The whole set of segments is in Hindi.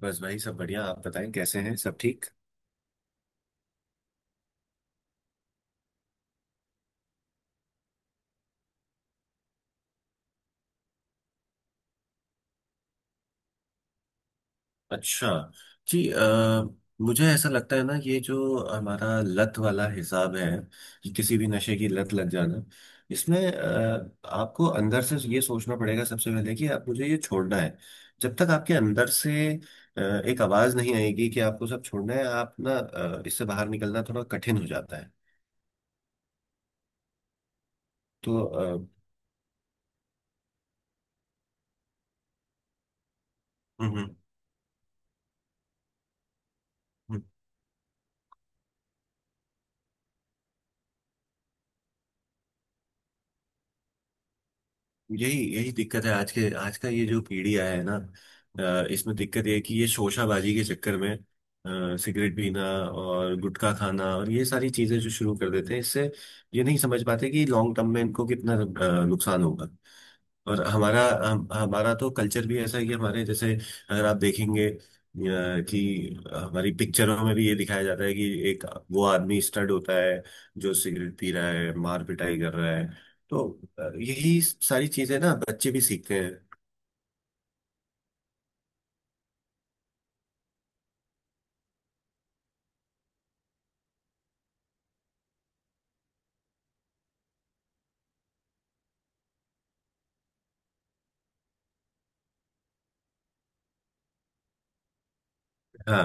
बस भाई सब बढ़िया। आप बताएं, कैसे हैं? सब ठीक? अच्छा। जी। मुझे ऐसा लगता है ना, ये जो हमारा लत वाला हिसाब है कि किसी भी नशे की लत लग जाना, इसमें आपको अंदर से ये सोचना पड़ेगा सबसे पहले कि आप मुझे ये छोड़ना है। जब तक आपके अंदर से एक आवाज़ नहीं आएगी कि आपको सब छोड़ना है, आप ना इससे बाहर निकलना थोड़ा कठिन हो जाता है। तो हम्म। हम्म। यही यही दिक्कत है। आज का ये जो पीढ़ी आया है ना, इसमें दिक्कत ये है कि ये शोशाबाजी के चक्कर में सिगरेट पीना और गुटखा खाना और ये सारी चीजें जो शुरू कर देते हैं, इससे ये नहीं समझ पाते कि लॉन्ग टर्म में इनको कितना नुकसान होगा। और हमारा तो कल्चर भी ऐसा है कि हमारे जैसे, अगर आप देखेंगे कि हमारी पिक्चरों में भी ये दिखाया जाता है कि एक, वो आदमी स्टड होता है जो सिगरेट पी रहा है, मार पिटाई कर रहा है। तो यही सारी चीजें ना बच्चे भी सीखते हैं। हाँ।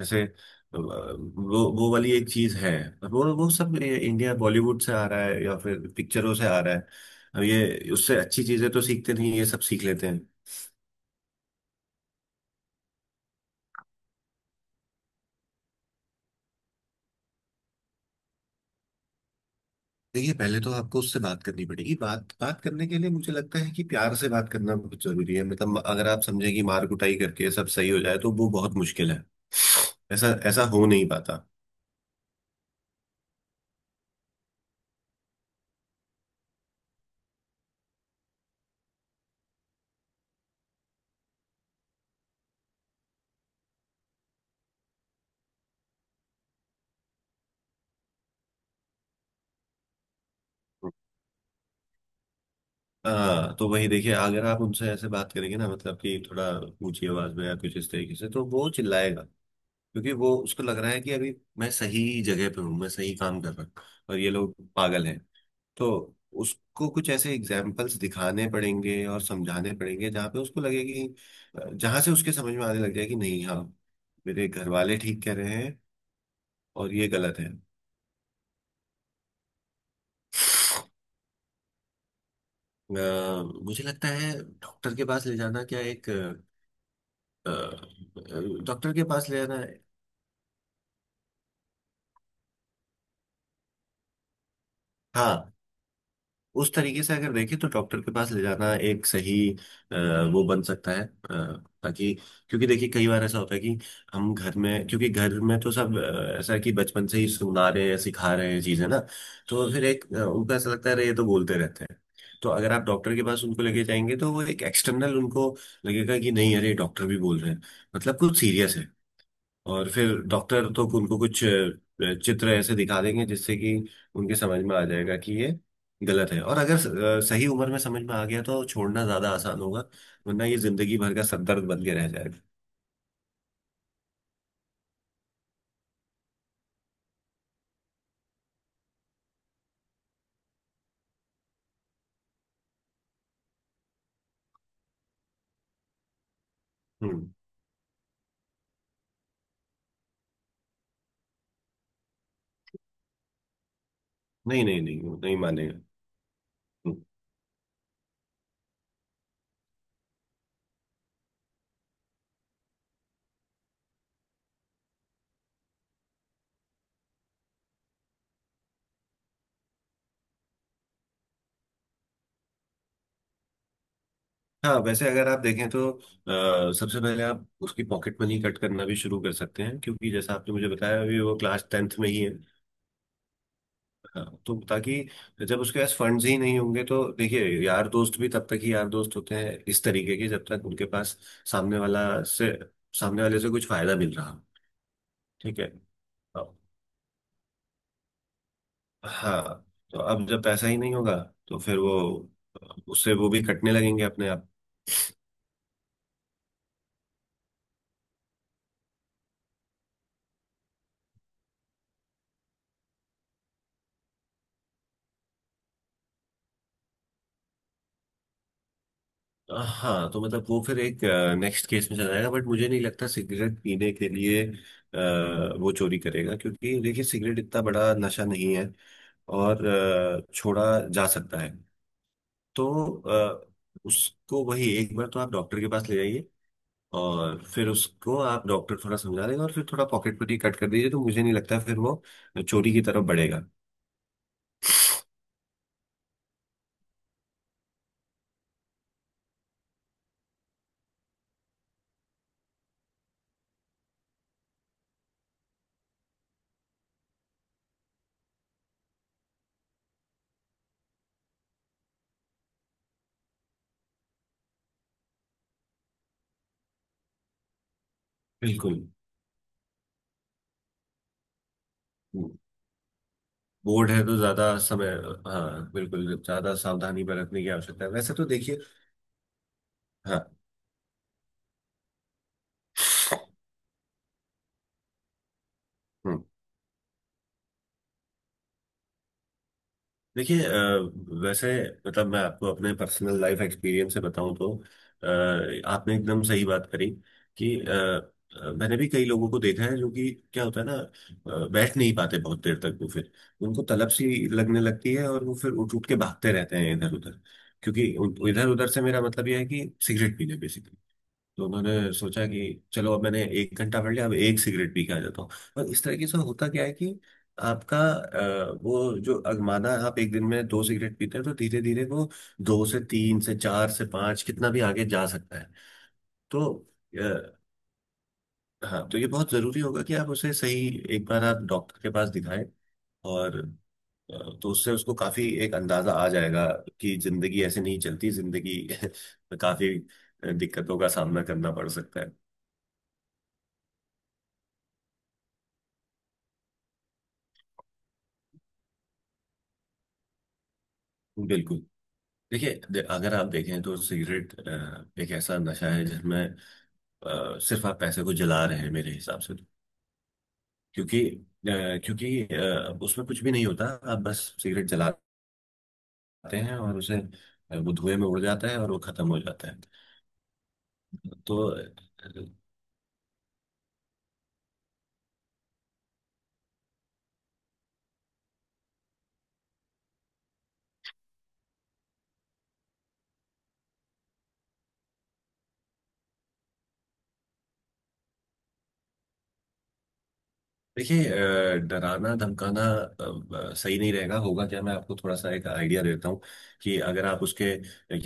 जैसे वो वाली एक चीज है। और वो सब ये इंडिया बॉलीवुड से आ रहा है या फिर पिक्चरों से आ रहा है। अब ये उससे अच्छी चीजें तो सीखते नहीं, ये सब सीख लेते। देखिए, पहले तो आपको उससे बात करनी पड़ेगी। बात बात करने के लिए मुझे लगता है कि प्यार से बात करना बहुत जरूरी है। मतलब अगर आप समझे कि मार कुटाई करके सब सही हो जाए तो वो बहुत मुश्किल है। ऐसा ऐसा हो नहीं पाता। हाँ, तो वही देखिए, अगर आप उनसे ऐसे बात करेंगे ना, मतलब कि थोड़ा ऊंची आवाज में या कुछ इस तरीके से, तो वो चिल्लाएगा। क्योंकि वो उसको लग रहा है कि अभी मैं सही जगह पे हूँ, मैं सही काम कर रहा हूँ, और ये लोग पागल हैं। तो उसको कुछ ऐसे एग्जाम्पल्स दिखाने पड़ेंगे और समझाने पड़ेंगे जहाँ पे उसको लगे कि, जहाँ से उसके समझ में आने लग जाए कि नहीं, हाँ, मेरे घर वाले ठीक कह रहे हैं और ये गलत है। मुझे लगता है डॉक्टर के पास ले जाना क्या, एक डॉक्टर के पास ले जाना है। हाँ, उस तरीके से अगर देखें तो डॉक्टर के पास ले जाना एक सही अ, वो बन सकता है। ताकि, क्योंकि देखिए कई बार ऐसा होता है कि हम घर में, क्योंकि घर में तो सब ऐसा है कि बचपन से ही सुना रहे हैं सिखा रहे हैं चीजें ना। तो फिर एक उनको ऐसा लगता है अरे ये तो बोलते रहते हैं। तो अगर आप डॉक्टर के पास उनको लेके जाएंगे तो वो एक एक्सटर्नल उनको लगेगा कि नहीं, अरे डॉक्टर भी बोल रहे हैं, मतलब कुछ सीरियस है। और फिर डॉक्टर तो उनको कुछ चित्र ऐसे दिखा देंगे जिससे कि उनके समझ में आ जाएगा कि ये गलत है। और अगर सही उम्र में समझ में आ गया तो छोड़ना ज्यादा आसान होगा। वरना ये जिंदगी भर का सरदर्द बन के रह जाएगा। हम्म। नहीं, नहीं, नहीं, वो नहीं मानेगा। हम्म। हाँ, वैसे अगर आप देखें तो सबसे पहले आप उसकी पॉकेट मनी कट करना भी शुरू कर सकते हैं, क्योंकि जैसा आपने मुझे बताया अभी वो क्लास टेंथ में ही है। हाँ, तो ताकि जब उसके पास फंड्स ही नहीं होंगे तो देखिए, यार दोस्त भी तब तक ही यार दोस्त होते हैं इस तरीके के, जब तक उनके पास सामने वाला से सामने वाले से कुछ फायदा मिल रहा हो। ठीक है। अब- हाँ। तो अब जब पैसा ही नहीं होगा, तो फिर वो, उससे वो भी कटने लगेंगे अपने आप। हाँ, तो मतलब वो फिर एक नेक्स्ट केस में चला जाएगा, बट मुझे नहीं लगता सिगरेट पीने के लिए वो चोरी करेगा। क्योंकि देखिए सिगरेट इतना बड़ा नशा नहीं है, और छोड़ा जा सकता है। तो अ, उसको वही एक बार तो आप डॉक्टर के पास ले जाइए, और फिर उसको आप डॉक्टर थोड़ा समझा देगा, और फिर थोड़ा पॉकेटमनी कट कर दीजिए, तो मुझे नहीं लगता फिर वो चोरी की तरफ बढ़ेगा। बिल्कुल। बोर्ड है तो ज्यादा समय, हाँ, बिल्कुल, ज्यादा सावधानी बरतने की आवश्यकता है वैसे तो देखिए। हाँ। हम्म। देखिए, वैसे मतलब मैं आपको अपने पर्सनल लाइफ एक्सपीरियंस से बताऊं तो, अ, आपने एकदम सही बात करी कि मैंने भी कई लोगों को देखा है। जो कि क्या होता है ना, बैठ नहीं पाते बहुत देर तक वो, फिर उनको तलब सी लगने लगती है और वो फिर उठ उठ के भागते रहते हैं इधर उधर। क्योंकि इधर उधर से मेरा मतलब यह है कि सिगरेट पीने बेसिकली। तो मैंने सोचा कि चलो, अब मैंने 1 घंटा पढ़ लिया, अब एक सिगरेट पी के आ जाता हूँ। और इस तरीके से होता क्या है कि आपका वो जो अगमाना, आप एक दिन में दो सिगरेट पीते हैं, तो धीरे धीरे वो दो से तीन से चार से पांच कितना भी आगे जा सकता है। तो अ, हाँ, तो ये बहुत जरूरी होगा कि आप उसे सही, एक बार आप डॉक्टर के पास दिखाएं। और तो उससे उसको काफी एक अंदाजा आ जाएगा कि जिंदगी ऐसे नहीं चलती, जिंदगी में काफी दिक्कतों का सामना करना पड़ सकता है। बिल्कुल। देखिए, अगर आप देखें तो सिगरेट एक ऐसा नशा है जिसमें सिर्फ आप पैसे को जला रहे हैं मेरे हिसाब से तो। क्योंकि उसमें कुछ भी नहीं होता। आप बस सिगरेट जलाते हैं, और उसे वो धुएं में उड़ जाता है और वो खत्म हो जाता है। तो देखिए, डराना धमकाना सही नहीं रहेगा। होगा क्या, मैं आपको थोड़ा सा एक आइडिया देता हूँ। कि अगर आप उसके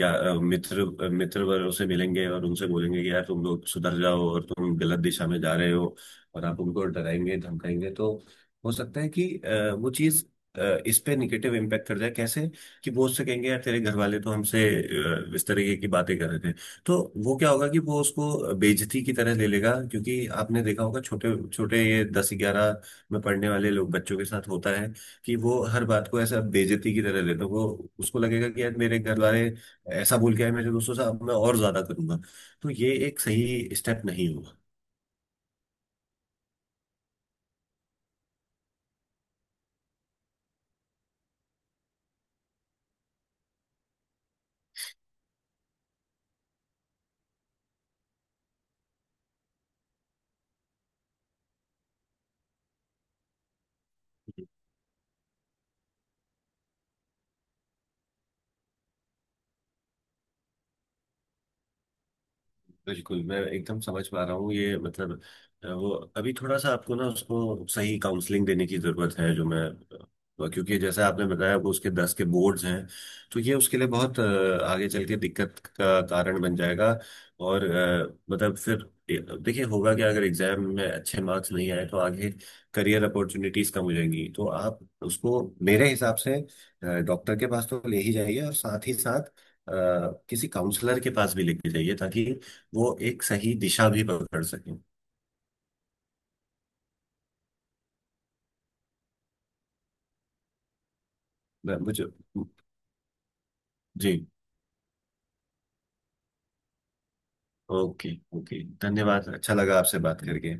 या मित्र वर्गों से मिलेंगे और उनसे बोलेंगे कि यार तुम लोग सुधर जाओ और तुम गलत दिशा में जा रहे हो, और आप उनको डराएंगे धमकाएंगे, तो हो सकता है कि वो चीज़ इस पे निगेटिव इम्पैक्ट कर जाए। कैसे? कि वो उससे कहेंगे यार, तेरे घर वाले तो हमसे इस तरीके की बातें कर रहे थे। तो वो क्या होगा कि वो उसको बेइज्जती की तरह ले लेगा। क्योंकि आपने देखा होगा छोटे छोटे ये 10-11 में पढ़ने वाले लोग, बच्चों के साथ होता है कि वो हर बात को ऐसा बेइज्जती की तरह ले। तो वो उसको लगेगा कि यार, मेरे घर वाले ऐसा बोल के आए मेरे दोस्तों से, अब मैं और ज्यादा करूंगा। तो ये एक सही स्टेप नहीं होगा। बिल्कुल। मैं एकदम समझ पा रहा हूँ ये मतलब। वो अभी थोड़ा सा आपको ना उसको सही काउंसलिंग देने की जरूरत है। जो मैं क्योंकि जैसा आपने बताया वो उसके 10 के बोर्ड्स हैं। तो ये उसके लिए बहुत आगे चल के दिक्कत का कारण बन जाएगा। और मतलब फिर देखिए, होगा क्या अगर एग्जाम में अच्छे मार्क्स नहीं आए तो आगे करियर अपॉर्चुनिटीज कम हो जाएंगी। तो आप उसको मेरे हिसाब से डॉक्टर के पास तो ले ही जाइए, और साथ ही साथ अ, किसी काउंसलर के पास भी लेके जाइए, ताकि वो एक सही दिशा भी पकड़ सकें। मैं- मुझे जी। ओके। ओके, धन्यवाद। अच्छा लगा आपसे बात करके।